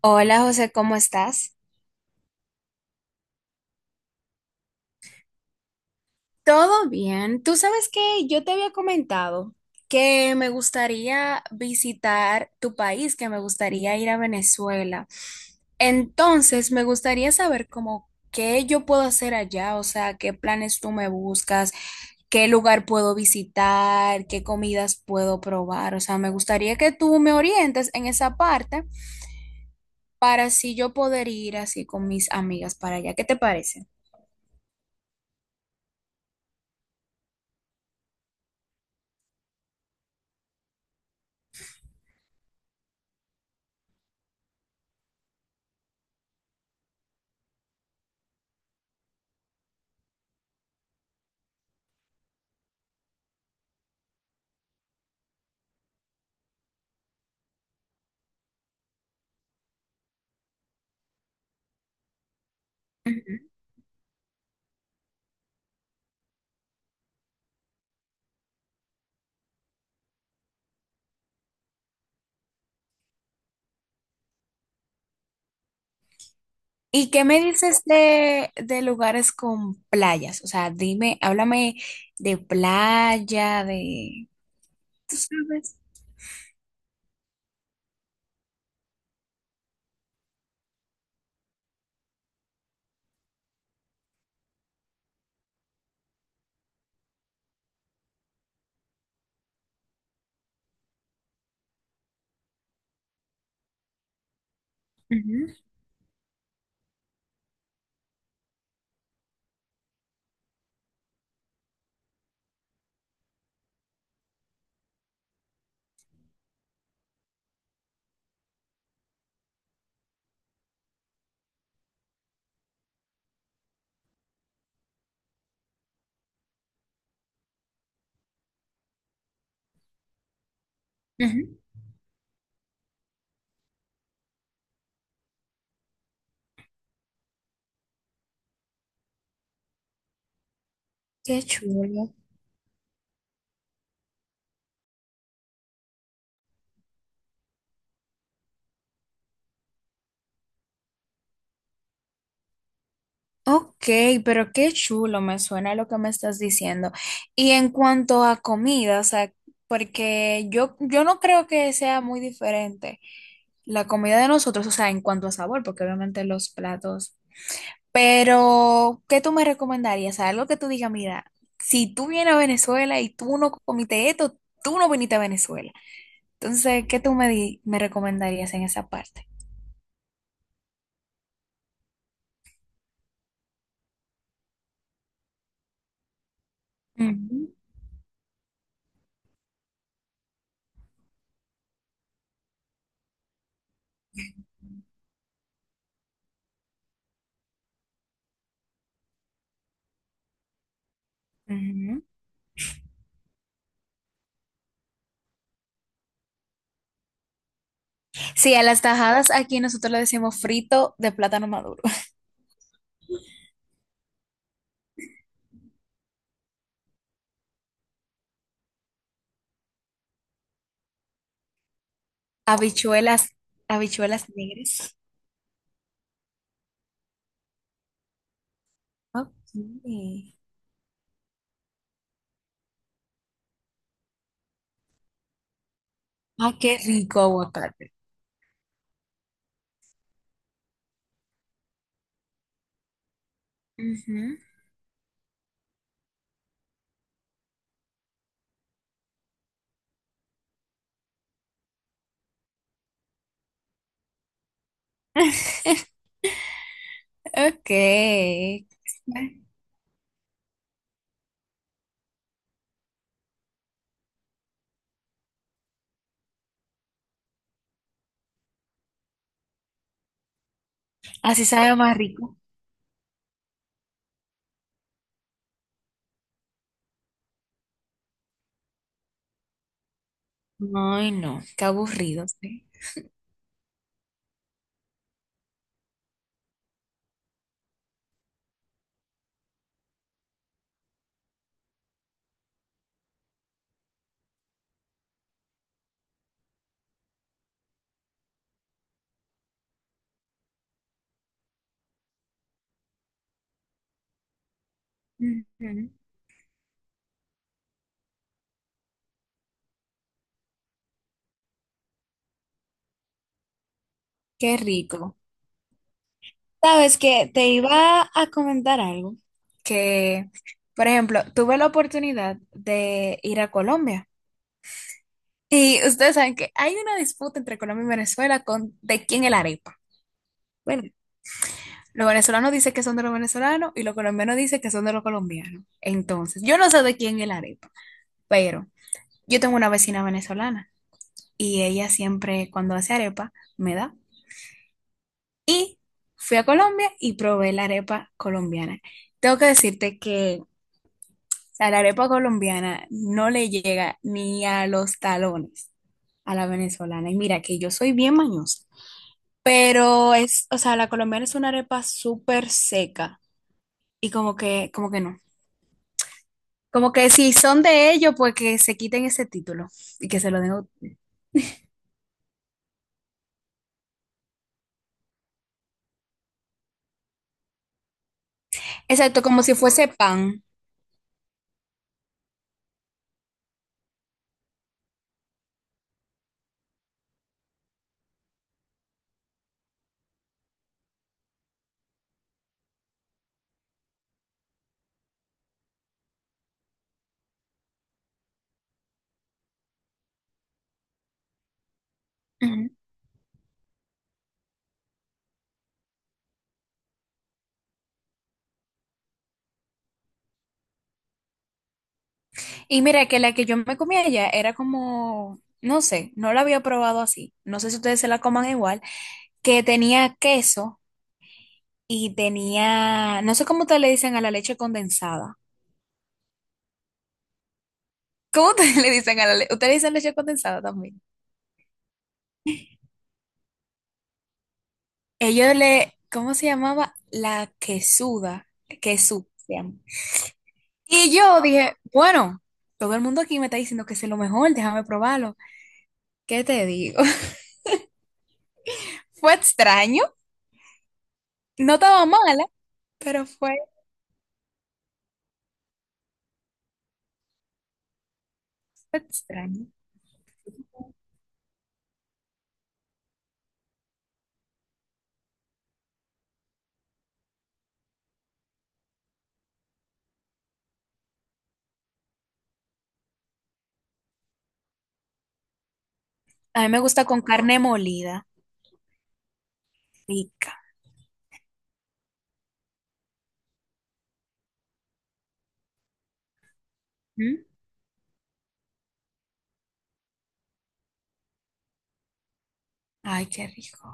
Hola José, ¿cómo estás? Todo bien. Tú sabes que yo te había comentado que me gustaría visitar tu país, que me gustaría ir a Venezuela. Entonces, me gustaría saber cómo qué yo puedo hacer allá, o sea, qué planes tú me buscas, qué lugar puedo visitar, qué comidas puedo probar. O sea, me gustaría que tú me orientes en esa parte para así yo poder ir así con mis amigas para allá. ¿Qué te parece? ¿Y qué me dices de lugares con playas? O sea, dime, háblame de playa, de... ¿Tú sabes? Ujú, ujú. Qué chulo. Ok, pero qué chulo, me suena lo que me estás diciendo. Y en cuanto a comida, o sea, porque yo no creo que sea muy diferente la comida de nosotros, o sea, en cuanto a sabor, porque obviamente los platos. Pero, ¿qué tú me recomendarías? Algo que tú digas, mira, si tú vienes a Venezuela y tú no comiste esto, tú no viniste a Venezuela. Entonces, ¿qué tú me, me recomendarías en esa parte? Ujú, ujú. Sí, a las tajadas aquí nosotros le decimos frito de plátano maduro. Habichuelas, habichuelas negras. Ok. Ah, qué rico aguacate. Ujú. Ok. Así sabe más rico. Ay, no, qué aburrido, sí. Ujú. Qué rico. Sabes que te iba a comentar algo, que, por ejemplo, tuve la oportunidad de ir a Colombia y ustedes saben que hay una disputa entre Colombia y Venezuela con de quién es la arepa. Bueno, los venezolanos dicen que son de los venezolanos y los colombianos dicen que son de los colombianos. Entonces, yo no sé de quién es la arepa, pero yo tengo una vecina venezolana y ella siempre cuando hace arepa me da. Y fui a Colombia y probé la arepa colombiana. Tengo que decirte que, o sea, la arepa colombiana no le llega ni a los talones a la venezolana. Y mira que yo soy bien mañosa, pero es, o sea, la colombiana es una arepa súper seca y como que no. Como que si son de ellos, pues que se quiten ese título y que se lo den otro. Exacto, como si fuese pan. Y mira que la que yo me comí allá era como, no sé, no la había probado así. No sé si ustedes se la coman igual, que tenía queso y tenía, no sé cómo ustedes le dicen a la leche condensada. ¿Cómo ustedes le dicen a la leche? Ustedes le dicen leche condensada también. Ellos le, ¿cómo se llamaba? La quesuda, quesú se llama. Y yo dije, bueno, todo el mundo aquí me está diciendo que es lo mejor, déjame probarlo. ¿Qué te digo? Fue extraño, no estaba mala, pero fue extraño. A mí me gusta con carne molida, rica. ¿Mm? Ay, qué rico.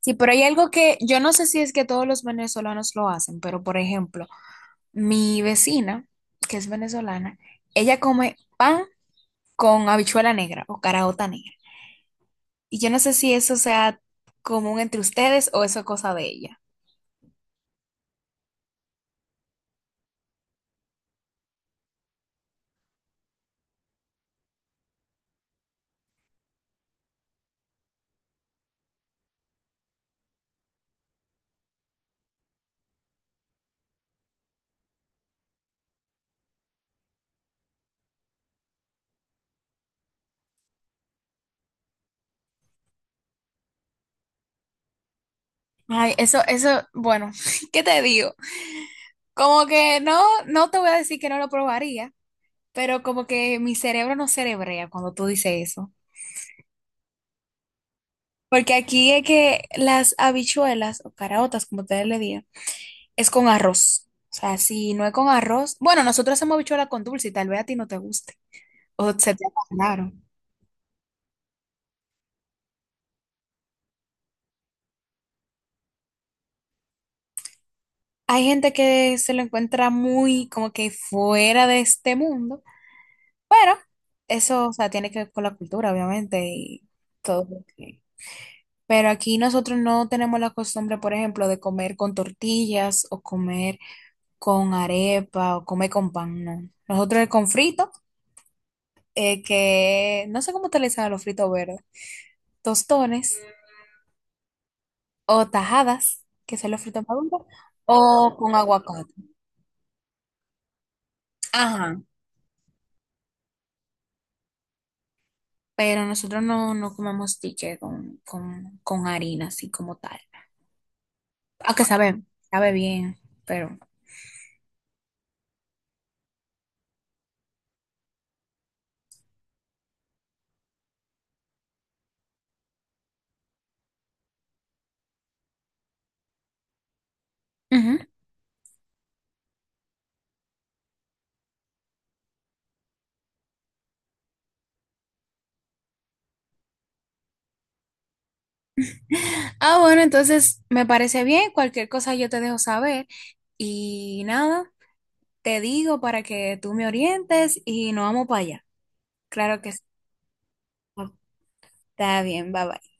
Sí, pero hay algo que yo no sé si es que todos los venezolanos lo hacen, pero por ejemplo, mi vecina, que es venezolana, ella come pan con habichuela negra o caraota negra. Y yo no sé si eso sea común entre ustedes o eso es cosa de ella. Ay, eso, bueno, ¿qué te digo? Como que no, no te voy a decir que no lo probaría, pero como que mi cerebro no cerebrea cuando tú dices eso. Porque aquí es que las habichuelas o caraotas, como ustedes le digan, es con arroz. O sea, si no es con arroz, bueno, nosotros hacemos habichuela con dulce y tal vez a ti no te guste o se te haga raro. Hay gente que se lo encuentra muy como que fuera de este mundo, pero eso, o sea, tiene que ver con la cultura, obviamente, y todo lo que... Pero aquí nosotros no tenemos la costumbre, por ejemplo, de comer con tortillas o comer con arepa o comer con pan, no. Nosotros es con frito, que no sé cómo utilizan los fritos verdes, tostones o tajadas, que son los fritos maduros, o con aguacate. Ajá, pero nosotros no, no comemos tiche con harina, así como tal. Aunque sabe, sabe bien, pero... Ujú. Ah, bueno, entonces me parece bien, cualquier cosa yo te dejo saber y nada, te digo para que tú me orientes y nos vamos para allá. Claro que sí. Está bien, bye bye.